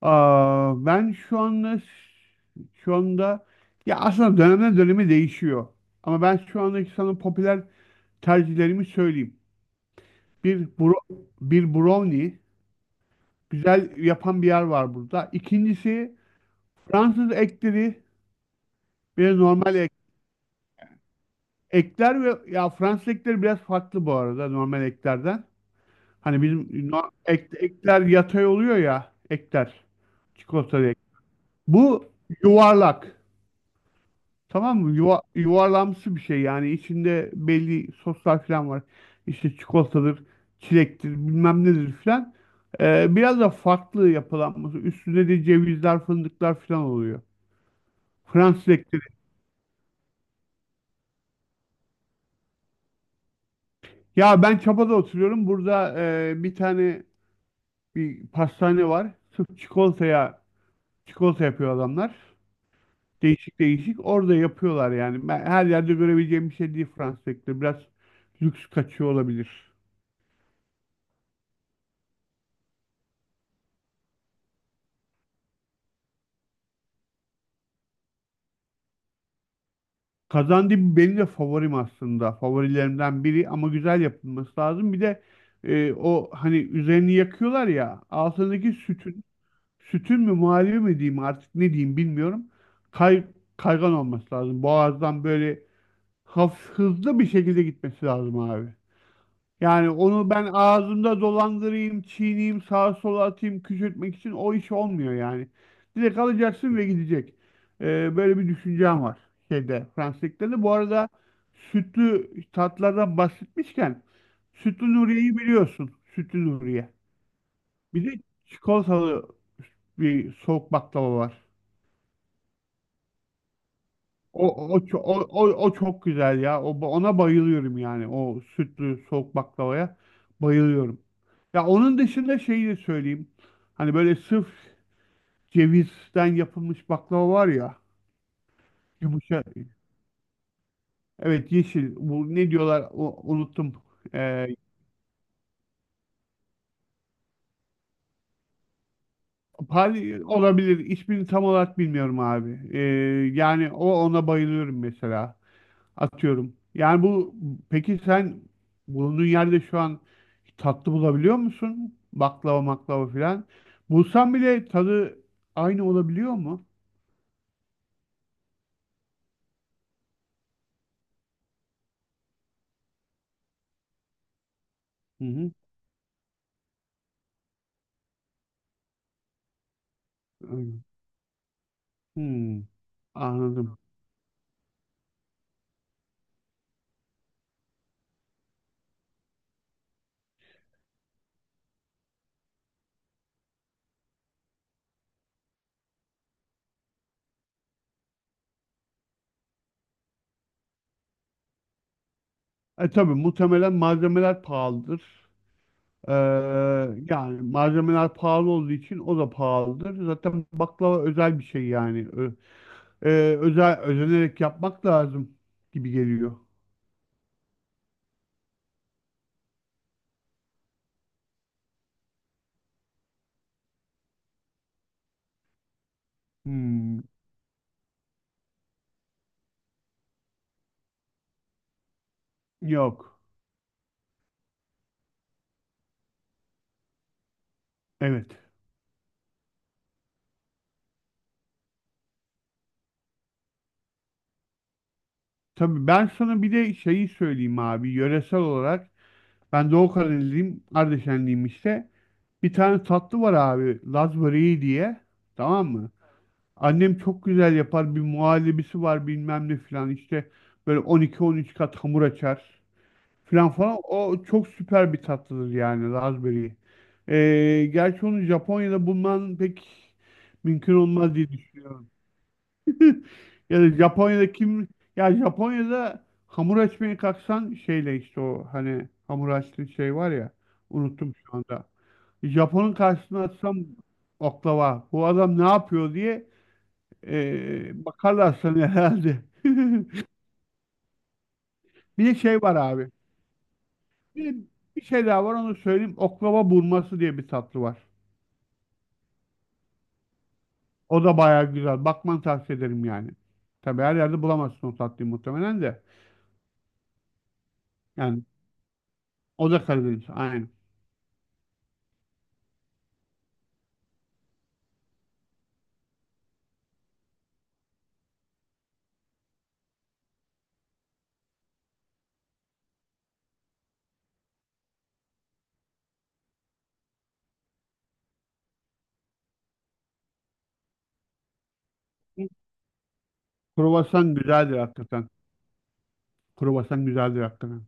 Aa, ben şu anda şu anda ya aslında dönemden döneme değişiyor. Ama ben şu andaki sana popüler tercihlerimi söyleyeyim. Bir bro, bir brownie güzel yapan bir yer var burada. İkincisi Fransız ekleri ve normal ekler ve ya Fransız ekleri biraz farklı bu arada normal eklerden. Hani bizim ekler yatay oluyor ya ekler çikolatalı ek. Bu yuvarlak. Tamam mı? Yuvarlamsı bir şey yani içinde belli soslar falan var. İşte çikolatadır, çilektir, bilmem nedir falan. Biraz da farklı yapılanması. Üstünde de cevizler, fındıklar falan oluyor. Fransız ekleri. Ya ben Çapa'da oturuyorum. Burada e, bir tane bir pastane var. Sırf çikolata yapıyor adamlar. Değişik değişik. Orada yapıyorlar yani. Ben her yerde görebileceğim bir şey değil Fransız ekleri. Biraz lüks kaçıyor olabilir. Kazandı benim de favorim aslında. Favorilerimden biri ama güzel yapılması lazım. Bir de o hani üzerini yakıyorlar ya altındaki sütün mü muhallebi mi diyeyim artık ne diyeyim bilmiyorum. Kay, kaygan olması lazım. Boğazdan böyle hafif hızlı bir şekilde gitmesi lazım abi. Yani onu ben ağzımda dolandırayım, çiğneyim, sağa sola atayım, küçültmek için o iş olmuyor yani. Direkt alacaksın ve gidecek. Böyle bir düşüncem var şeyde, Fransızlıkta da. Bu arada sütlü tatlardan bahsetmişken sütlü Nuriye'yi biliyorsun. Sütlü Nuriye. Bir de çikolatalı bir soğuk baklava var. O çok güzel ya. Ona bayılıyorum yani. O sütlü soğuk baklavaya bayılıyorum. Ya onun dışında şeyi de söyleyeyim. Hani böyle sırf cevizden yapılmış baklava var ya. Yumuşak. Evet yeşil. Bu ne diyorlar o, unuttum. Ee, Pali olabilir. İsmini tam olarak bilmiyorum abi. Yani o ona bayılıyorum mesela. Atıyorum. Yani bu peki sen bulunduğun yerde şu an tatlı bulabiliyor musun? Baklava maklava filan. Bulsan bile tadı aynı olabiliyor mu? Hı hı. Öyle. Hmm, anladım. E tabii muhtemelen malzemeler pahalıdır. Ee, Yani malzemeler pahalı olduğu için o da pahalıdır. Zaten baklava özel bir şey yani. E, Özel özenerek yapmak lazım gibi geliyor. Hmm, yok. Evet. Tabii ben sana bir de şeyi söyleyeyim abi. Yöresel olarak ben Doğu Karadenizliyim, Ardeşenliyim işte. Bir tane tatlı var abi, Laz böreği diye. Tamam mı? Annem çok güzel yapar. Bir muhallebisi var bilmem ne filan işte. Böyle 12-13 kat hamur açar filan falan. O çok süper bir tatlıdır yani Laz böreği. Gerçi onu Japonya'da bulman pek mümkün olmaz diye düşünüyorum. Ya da Japonya'da kim ya Japonya'da hamur açmaya kalksan şeyle işte o hani hamur açtığı şey var ya unuttum şu anda. Japon'un karşısına atsam oklava bu adam ne yapıyor diye bakarlar sana herhalde. Bir de şey var abi. Bir, bir şey daha var onu söyleyeyim. Oklava burması diye bir tatlı var. O da bayağı güzel. Bakmanı tavsiye ederim yani. Tabii her yerde bulamazsın o tatlıyı muhtemelen de. Yani o da Karadeniz. Aynen. Kruvasan güzeldir hakikaten. Kruvasan güzeldir hakikaten.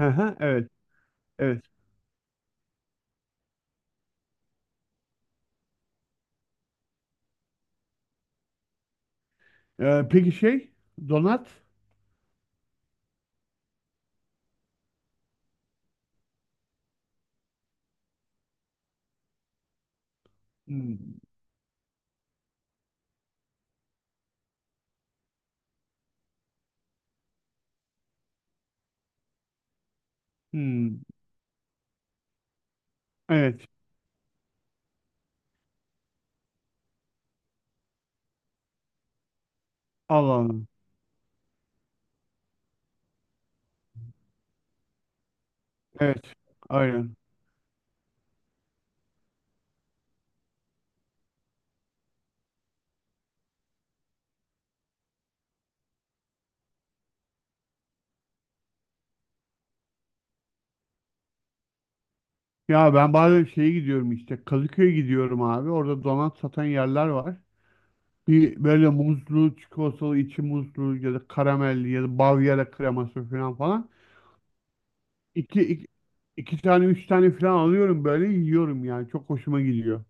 Hı hı, evet, evet. Peki şey, donat? Hmm, hmm, evet, Allah Allah. Evet, aynen. Ya ben bazen şeye gidiyorum işte, Kadıköy'e gidiyorum abi. Orada donat satan yerler var. Bir böyle muzlu, çikolatalı, içi muzlu ya da karamelli ya da Bavyera kreması falan falan. İki, iki, iki tane, üç tane falan alıyorum böyle yiyorum yani. Çok hoşuma gidiyor.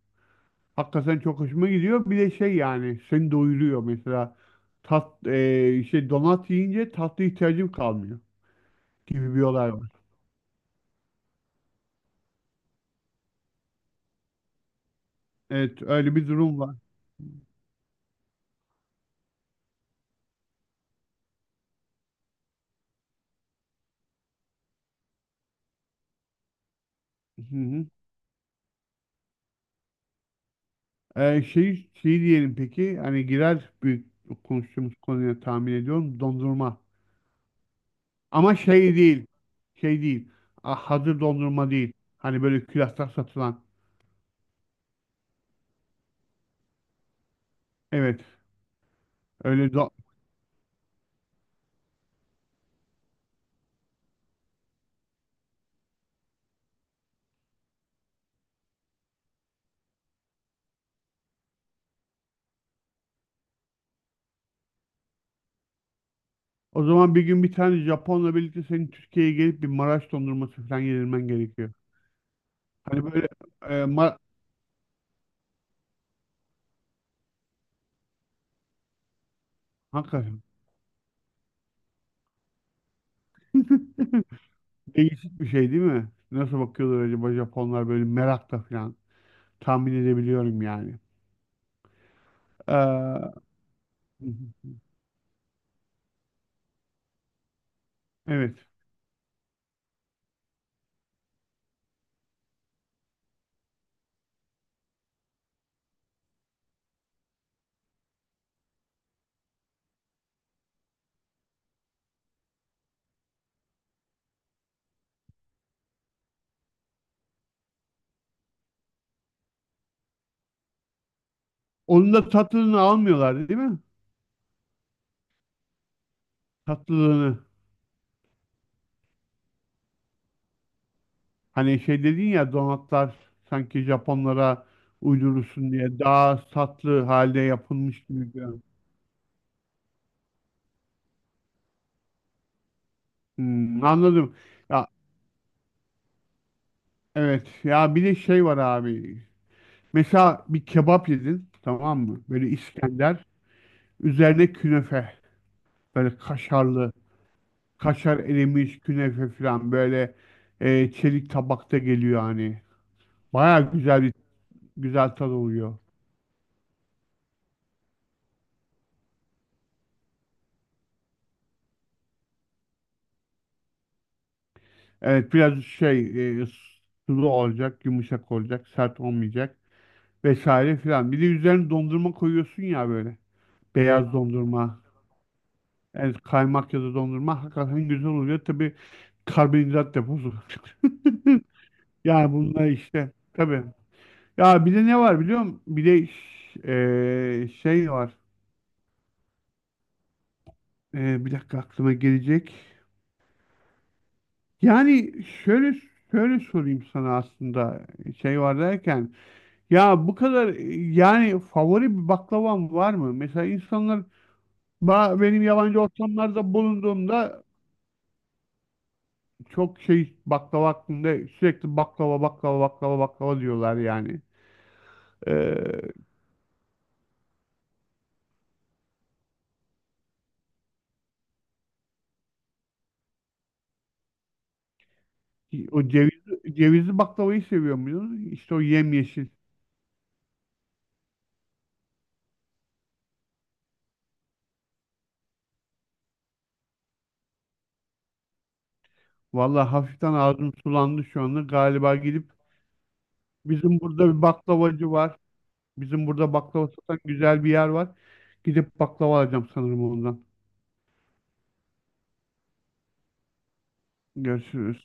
Hakikaten çok hoşuma gidiyor. Bir de şey yani seni doyuruyor mesela. Tat, e, şey donat yiyince tatlı ihtiyacım kalmıyor gibi bir olay var. Evet öyle bir durum var. Hı hı. E, şey diyelim peki hani girer büyük konuştuğumuz konuya tahmin ediyorum dondurma. Ama şey değil. Şey değil. Ah, hazır dondurma değil. Hani böyle külahta satılan. Evet. Öyle do- O zaman bir gün bir tane Japonla birlikte senin Türkiye'ye gelip bir Maraş dondurması falan yedirmen gerekiyor. Hani böyle e, ma- hakikaten değişik bir şey değil mi? Nasıl bakıyorlar acaba Japonlar böyle merakla falan tahmin edebiliyorum yani. Hı hı. Evet. Onun da tatlılığını almıyorlar değil mi? Tatlılığını. Hani şey dedin ya donatlar sanki Japonlara uydurursun diye daha tatlı halde yapılmış gibi görünüyor. Hmm, anladım. Ya evet. Ya bir de şey var abi. Mesela bir kebap yedin tamam mı? Böyle İskender. Üzerine künefe. Böyle kaşarlı. Kaşar erimiş künefe falan. Böyle çelik tabakta geliyor hani. Baya güzel bir güzel tadı oluyor. Evet biraz sulu olacak. Yumuşak olacak. Sert olmayacak. Vesaire filan. Bir de üzerine dondurma koyuyorsun ya böyle. Beyaz dondurma. Evet kaymak ya da dondurma hakikaten güzel oluyor. Tabii karbonhidrat deposu. Yani bunlar işte tabii. Ya bir de ne var biliyor musun? Bir de şey var. Bir dakika aklıma gelecek. Yani şöyle sorayım sana aslında şey var derken. Ya bu kadar yani favori bir baklavam var mı? Mesela insanlar benim yabancı ortamlarda bulunduğumda çok şey baklava hakkında sürekli baklava diyorlar yani. Eee, o ceviz, cevizli baklavayı seviyor muydun? İşte o yemyeşil. Vallahi hafiften ağzım sulandı şu anda. Galiba gidip bizim burada bir baklavacı var. Bizim burada baklava satan güzel bir yer var. Gidip baklava alacağım sanırım ondan. Görüşürüz.